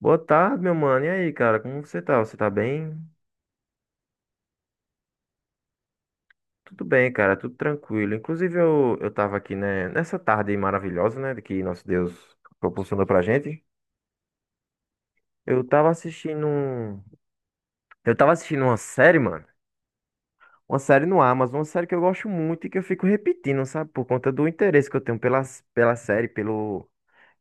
Boa tarde, meu mano. E aí, cara, como você tá? Você tá bem? Tudo bem, cara, tudo tranquilo. Inclusive, eu tava aqui, né, nessa tarde maravilhosa, né, que nosso Deus proporcionou pra gente. Eu tava assistindo um... Eu tava assistindo uma série, mano. Uma série no Amazon, uma série que eu gosto muito e que eu fico repetindo, sabe? Por conta do interesse que eu tenho pela série, pelo,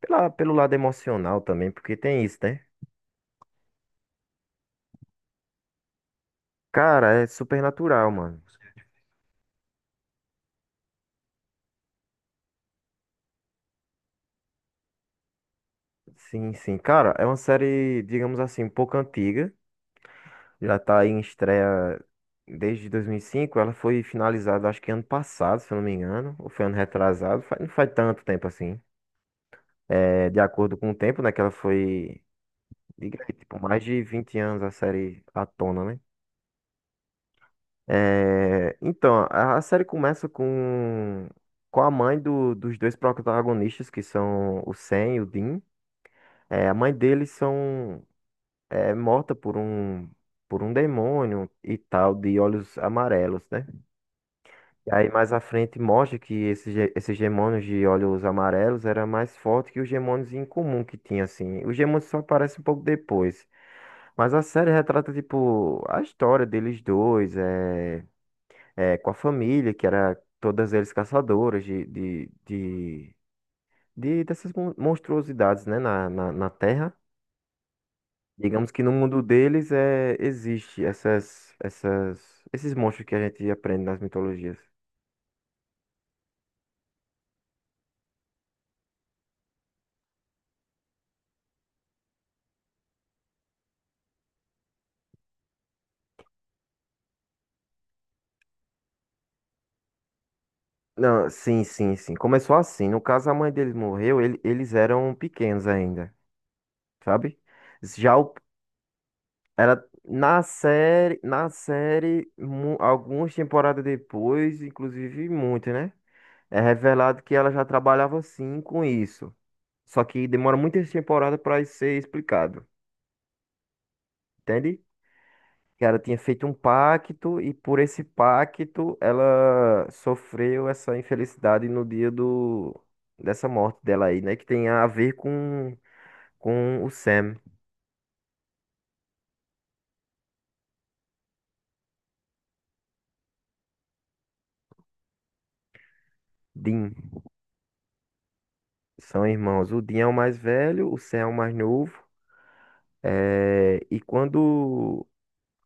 pela, pelo lado emocional também, porque tem isso, né? Cara, é Supernatural, mano. Sim, sim. Cara, é uma série, digamos assim, um pouco antiga. Já tá aí em estreia desde 2005. Ela foi finalizada, acho que ano passado, se eu não me engano. Ou foi ano retrasado. Não faz tanto tempo assim. É, de acordo com o tempo, né? Diga aí, tipo, mais de 20 anos a série à tona, né? É, então, a série começa com a mãe dos dois protagonistas, que são o Sam e o Dean. É, a mãe deles são é, morta por um demônio e tal, de olhos amarelos, né? E aí mais à frente mostra que esses gemônios de olhos amarelos era mais forte que os gemônios incomum que tinha, assim. Os gemônios só aparecem um pouco depois. Mas a série retrata, tipo, a história deles dois, é, é, com a família, que era todas eles caçadoras dessas monstruosidades, né, na Terra. Digamos que no mundo deles é, existe esses monstros que a gente aprende nas mitologias. Não, sim, sim, sim. Começou assim. No caso, a mãe deles morreu, eles eram pequenos ainda, sabe? Já o, Era na série, algumas temporadas depois, inclusive muito, né? É revelado que ela já trabalhava assim com isso. Só que demora muitas temporadas para isso ser explicado, entende? Que ela tinha feito um pacto e por esse pacto ela sofreu essa infelicidade no dia do dessa morte dela aí, né? Que tem a ver com o Sam, Dean, são irmãos. O Dean é o mais velho, o Sam é o mais novo. É, e quando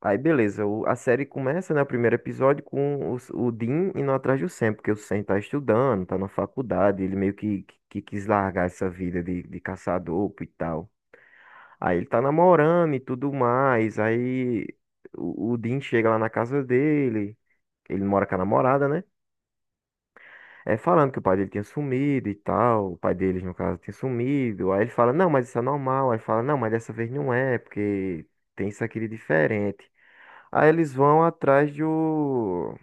Aí beleza, a série começa, né, o primeiro episódio o Dean indo atrás do Sam, porque o Sam tá estudando, tá na faculdade, ele meio que, que quis largar essa vida de caçador e tal. Aí ele tá namorando e tudo mais. Aí o Dean chega lá na casa dele. Ele mora com a namorada, né? É falando que o pai dele tinha sumido e tal. O pai deles, no caso, tinha sumido. Aí ele fala, não, mas isso é normal. Aí fala, não, mas dessa vez não é, porque tem isso aqui de diferente. Aí eles vão atrás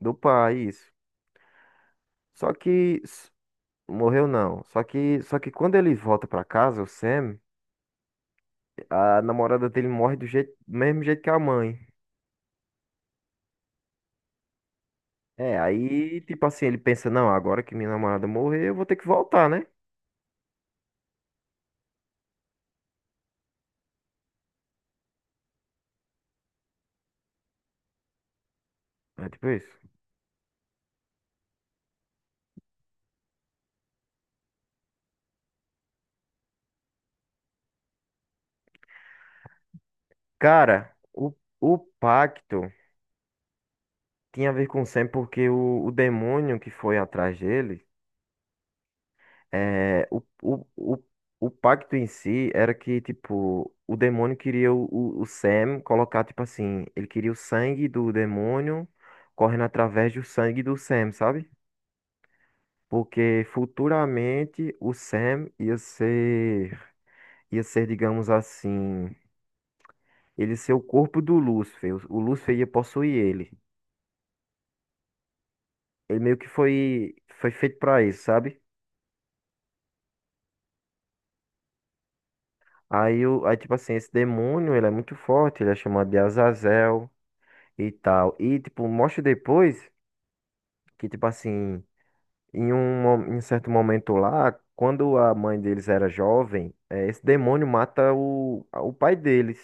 do pai, isso. Só que s- Morreu não. Só que quando ele volta pra casa, a namorada dele morre do jeito, do mesmo jeito que a mãe. É, aí, tipo assim, ele pensa, não, agora que minha namorada morrer, eu vou ter que voltar, né? É tipo isso. Cara, o, o pacto tinha a ver com o Sam porque o demônio que foi atrás dele, é, o pacto em si era que, tipo, o demônio queria o Sam colocar, tipo assim, ele queria o sangue do demônio correndo através do sangue do Sam, sabe? Porque futuramente o Sam ia ser, digamos assim, ele ser o corpo do Lúcifer. O Lúcifer ia possuir ele. Ele meio que foi, foi feito pra isso, sabe? Tipo assim, esse demônio, ele é muito forte, ele é chamado de Azazel e tal. E, tipo, mostra depois que, tipo assim, em um certo momento lá, quando a mãe deles era jovem, esse demônio mata o pai deles.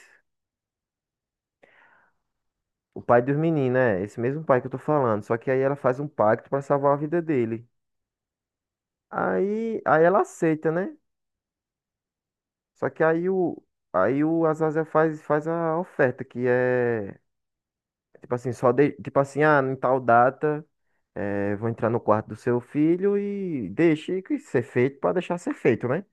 O pai dos meninos, né? Esse mesmo pai que eu tô falando. Só que aí ela faz um pacto pra salvar a vida dele. Aí ela aceita, né? Só que aí o, Aí o Azazel faz, faz a oferta, que é tipo assim, só de, tipo assim, ah, em tal data, vou entrar no quarto do seu filho e deixe que ser feito pra deixar ser feito, né?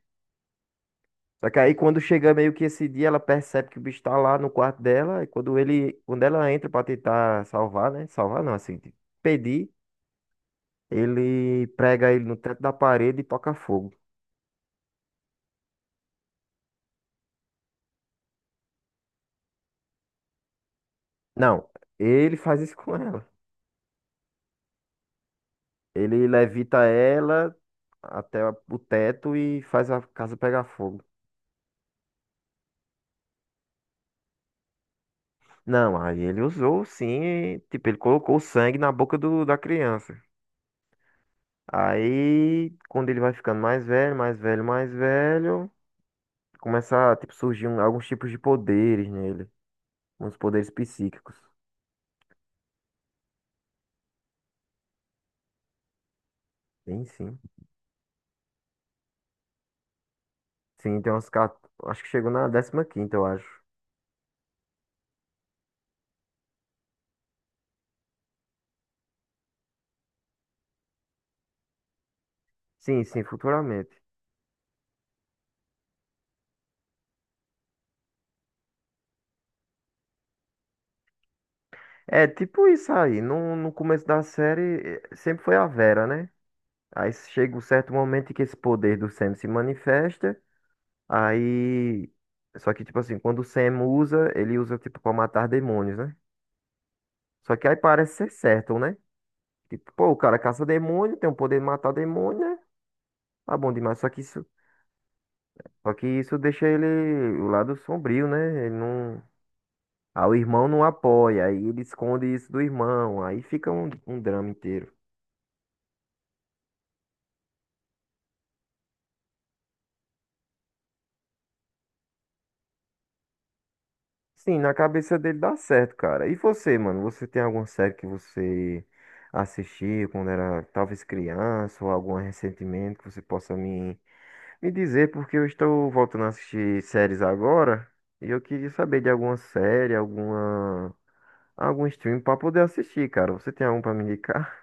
Só que aí quando chega meio que esse dia, ela percebe que o bicho tá lá no quarto dela, e quando ele, quando ela entra pra tentar salvar, né? Salvar não, assim, de pedir, ele prega ele no teto da parede e toca fogo. Não, ele faz isso com ela. Ele levita ela até o teto e faz a casa pegar fogo. Não, aí ele usou sim, e, tipo, ele colocou o sangue na boca da criança. Aí, quando ele vai ficando mais velho, mais velho, mais velho, começa a, tipo, surgir alguns tipos de poderes nele, uns poderes psíquicos. Sim, sim. Sim, tem umas, quat- Acho que chegou na décima quinta, eu acho. Sim, sim, futuramente. É, tipo isso aí, no começo da série, eh, sempre foi a Vera, né? Aí chega um certo momento em que esse poder do Sam se manifesta. Aí. Só que, tipo assim, quando o Sam usa, ele usa, tipo, pra matar demônios, né? Só que aí parece ser certo, né? Tipo, pô, o cara caça demônio, tem o poder de matar demônio, né? Tá bom demais. Só que isso deixa ele o lado sombrio, né? Ele não. Ah, o irmão não apoia, aí ele esconde isso do irmão, aí fica um drama inteiro. Sim, na cabeça dele dá certo, cara. E você, mano? Você tem alguma série que você assistiu quando era talvez criança ou algum ressentimento que você possa me dizer? Porque eu estou voltando a assistir séries agora e eu queria saber de alguma série, algum stream para poder assistir, cara. Você tem algum para me indicar?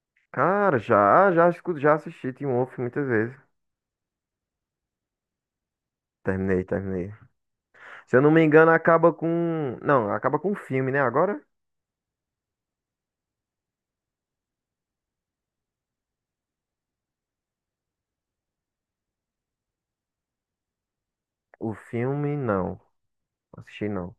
Cara, já assisti Teen Wolf muitas vezes. Terminei, terminei. Se eu não me engano, acaba com. Não, acaba com o filme, né? Agora? O filme, não. Assisti não.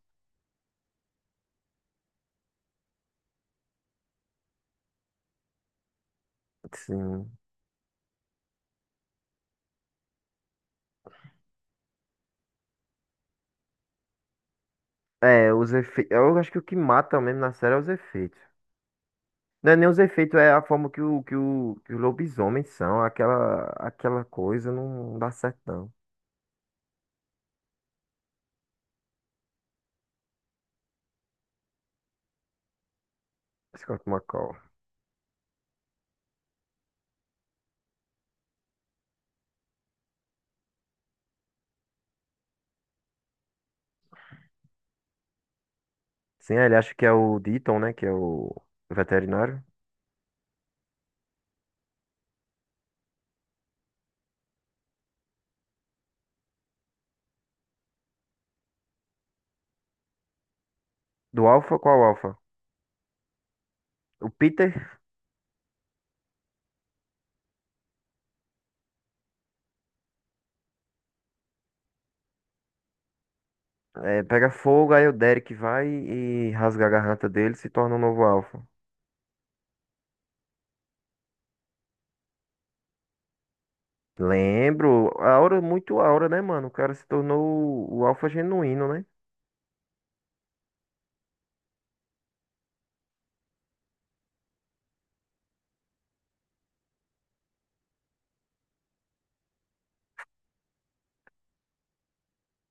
Sim. É, os efeitos. Eu acho que o que mata mesmo na série é os efeitos. Não é nem os efeitos, é a forma que, que os lobisomens são. Aquela coisa não dá certo, não. Scott McCall. Sim, ele acha que é o Deaton, né? Que é o veterinário. Do Alpha, qual Alpha? O Peter é, pega fogo, aí o Derek vai e rasga a garganta dele e se torna o novo Alpha. Lembro. A Aura, muito Aura, né, mano? O cara se tornou o Alpha genuíno, né?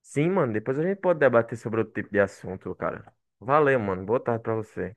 Sim, mano, depois a gente pode debater sobre outro tipo de assunto, cara. Valeu, mano. Boa tarde pra você.